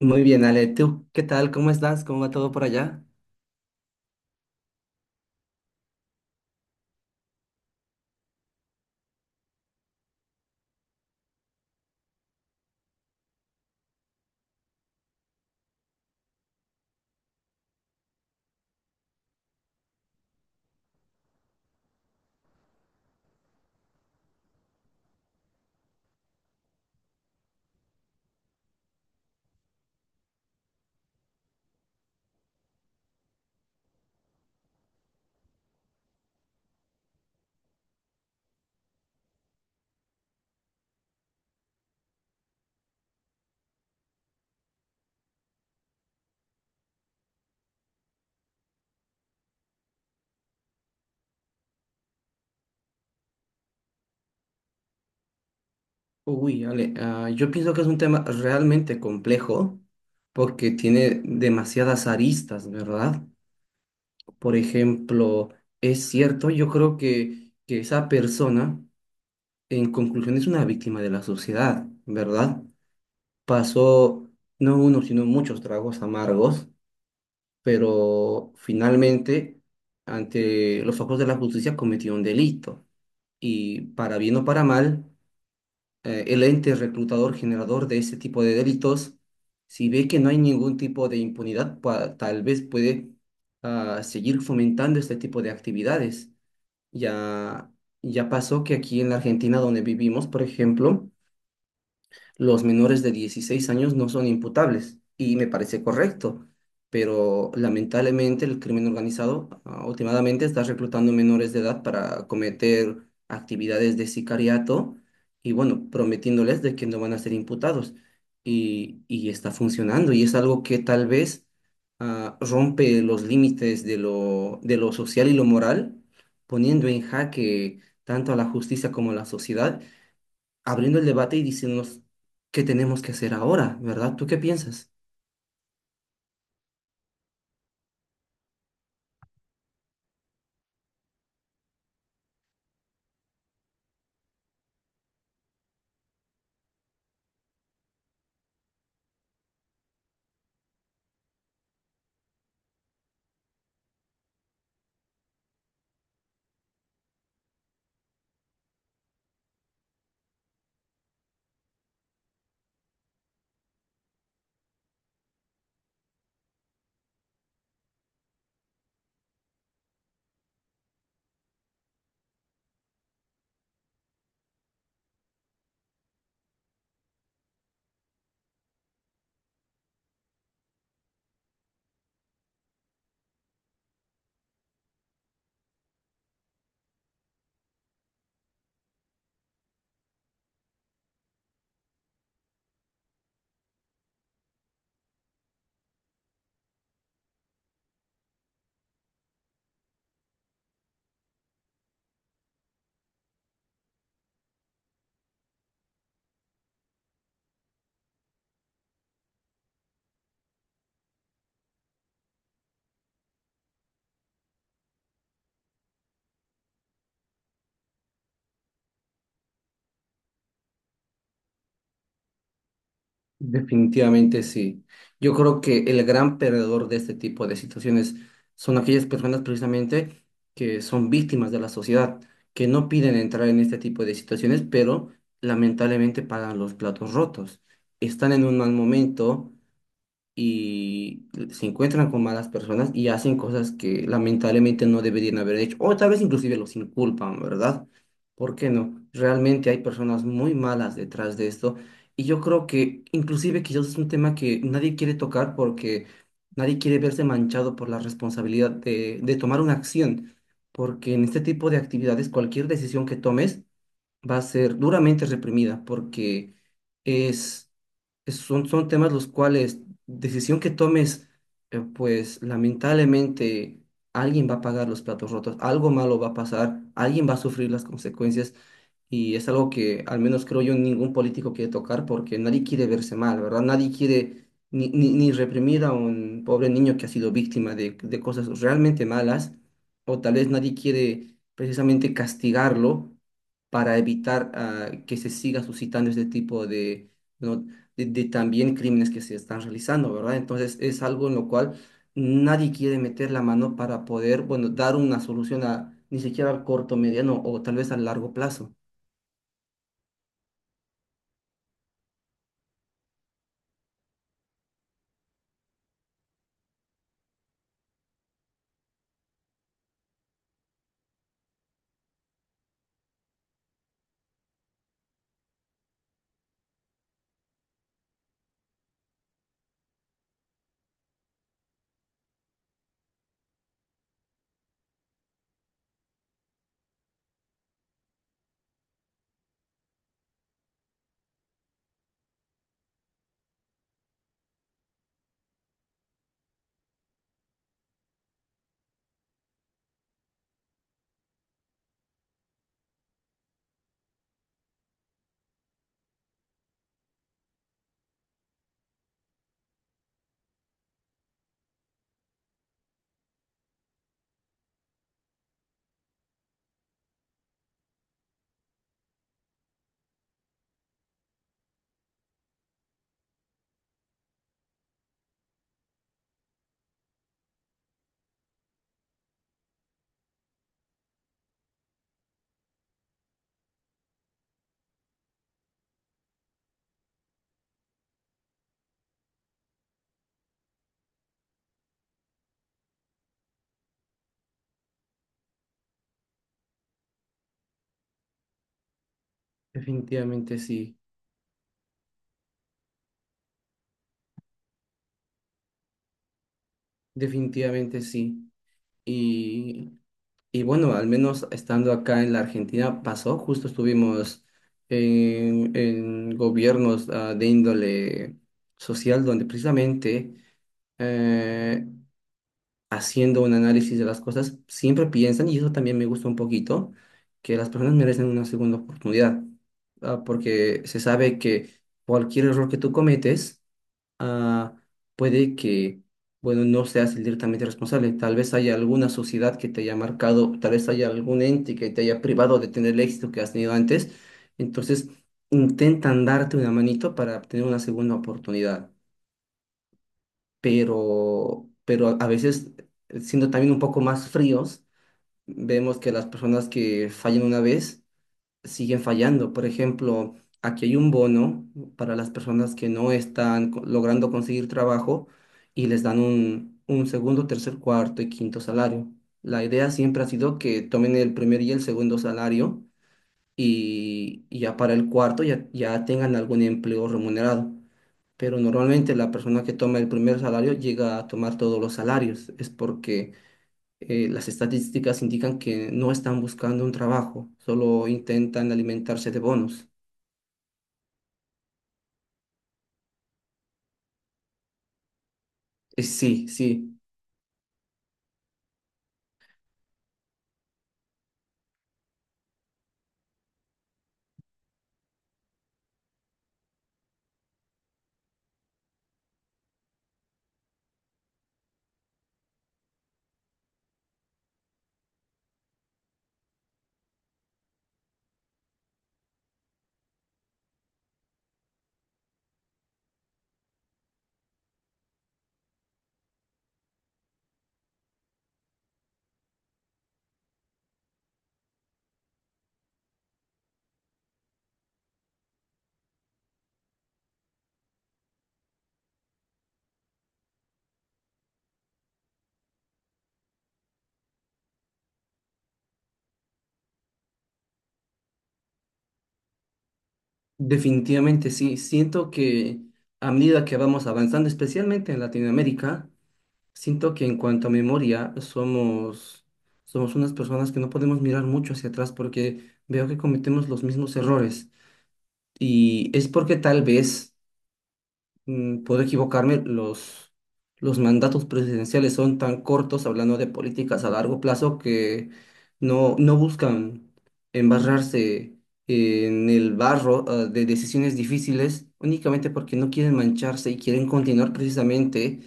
Muy bien, Ale, ¿tú qué tal? ¿Cómo estás? ¿Cómo va todo por allá? Uy, Ale, yo pienso que es un tema realmente complejo porque tiene demasiadas aristas, ¿verdad? Por ejemplo, es cierto, yo creo que esa persona, en conclusión, es una víctima de la sociedad, ¿verdad? Pasó no uno, sino muchos tragos amargos, pero finalmente, ante los ojos de la justicia, cometió un delito. Y para bien o para mal, el ente reclutador generador de ese tipo de delitos, si ve que no hay ningún tipo de impunidad, tal vez puede seguir fomentando este tipo de actividades. Ya, ya pasó que aquí en la Argentina donde vivimos, por ejemplo, los menores de 16 años no son imputables y me parece correcto, pero lamentablemente el crimen organizado últimamente está reclutando menores de edad para cometer actividades de sicariato y bueno, prometiéndoles de que no van a ser imputados y está funcionando y es algo que tal vez rompe los límites de de lo social y lo moral, poniendo en jaque tanto a la justicia como a la sociedad, abriendo el debate y diciéndonos qué tenemos que hacer ahora, ¿verdad? ¿Tú qué piensas? Definitivamente sí. Yo creo que el gran perdedor de este tipo de situaciones son aquellas personas precisamente que son víctimas de la sociedad, que no piden entrar en este tipo de situaciones, pero lamentablemente pagan los platos rotos. Están en un mal momento, y se encuentran con malas personas y hacen cosas que lamentablemente no deberían haber hecho, o tal vez inclusive los inculpan, ¿verdad? ¿Por qué no? Realmente hay personas muy malas detrás de esto y yo creo que inclusive quizás es un tema que nadie quiere tocar porque nadie quiere verse manchado por la responsabilidad de tomar una acción, porque en este tipo de actividades cualquier decisión que tomes va a ser duramente reprimida porque es, son temas los cuales decisión que tomes, pues lamentablemente alguien va a pagar los platos rotos, algo malo va a pasar, alguien va a sufrir las consecuencias y es algo que al menos creo yo ningún político quiere tocar porque nadie quiere verse mal, ¿verdad? Nadie quiere ni reprimir a un pobre niño que ha sido víctima de cosas realmente malas o tal vez nadie quiere precisamente castigarlo para evitar que se siga suscitando este tipo de, ¿no? De también crímenes que se están realizando, ¿verdad? Entonces es algo en lo cual nadie quiere meter la mano para poder, bueno, dar una solución a ni siquiera al corto, mediano o tal vez al largo plazo. Definitivamente sí, definitivamente sí. Y Y bueno, al menos estando acá en la Argentina pasó, justo estuvimos en gobiernos de índole social donde precisamente eh, haciendo un análisis de las cosas siempre piensan, y eso también me gusta un poquito, que las personas merecen una segunda oportunidad, porque se sabe que cualquier error que tú cometes, ah, puede que, bueno, no seas el directamente responsable. Tal vez haya alguna sociedad que te haya marcado, tal vez haya algún ente que te haya privado de tener el éxito que has tenido antes. Entonces, intentan darte una manito para obtener una segunda oportunidad. Pero a veces, siendo también un poco más fríos, vemos que las personas que fallan una vez, siguen fallando. Por ejemplo, aquí hay un bono para las personas que no están logrando conseguir trabajo y les dan un segundo, tercer, cuarto y quinto salario. La idea siempre ha sido que tomen el primer y el segundo salario y ya para el cuarto ya, ya tengan algún empleo remunerado. Pero normalmente la persona que toma el primer salario llega a tomar todos los salarios. Es porque las estadísticas indican que no están buscando un trabajo, solo intentan alimentarse de bonos. Sí, sí, definitivamente sí. Siento que a medida que vamos avanzando, especialmente en Latinoamérica, siento que en cuanto a memoria somos, somos unas personas que no podemos mirar mucho hacia atrás porque veo que cometemos los mismos errores. Y es porque tal vez... puedo equivocarme, los mandatos presidenciales son tan cortos, hablando de políticas a largo plazo, que no buscan embarrarse en el barro, de decisiones difíciles, únicamente porque no quieren mancharse y quieren continuar precisamente,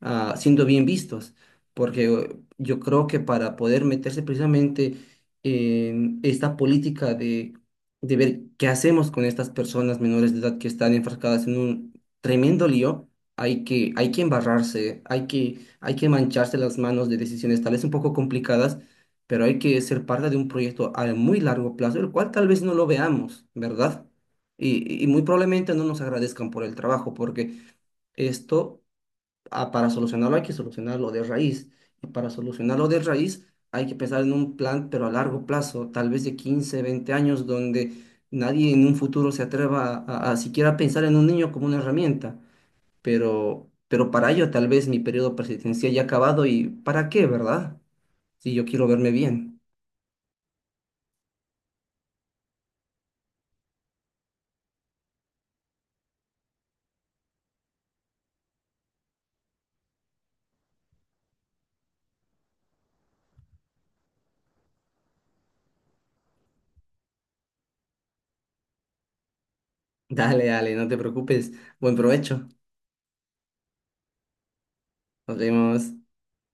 siendo bien vistos. Porque yo creo que para poder meterse precisamente en esta política de ver qué hacemos con estas personas menores de edad que están enfrascadas en un tremendo lío. Hay que embarrarse, hay que mancharse las manos de decisiones tal vez un poco complicadas, pero hay que ser parte de un proyecto a muy largo plazo, el cual tal vez no lo veamos, ¿verdad? Y muy probablemente no nos agradezcan por el trabajo, porque esto, para solucionarlo, hay que solucionarlo de raíz. Y para solucionarlo de raíz, hay que pensar en un plan, pero a largo plazo, tal vez de 15, 20 años, donde nadie en un futuro se atreva a siquiera pensar en un niño como una herramienta, pero para ello tal vez mi periodo presidencial ya ha acabado y ¿para qué, verdad? Si yo quiero verme bien. Dale, dale, no te preocupes. Buen provecho. Nos vemos.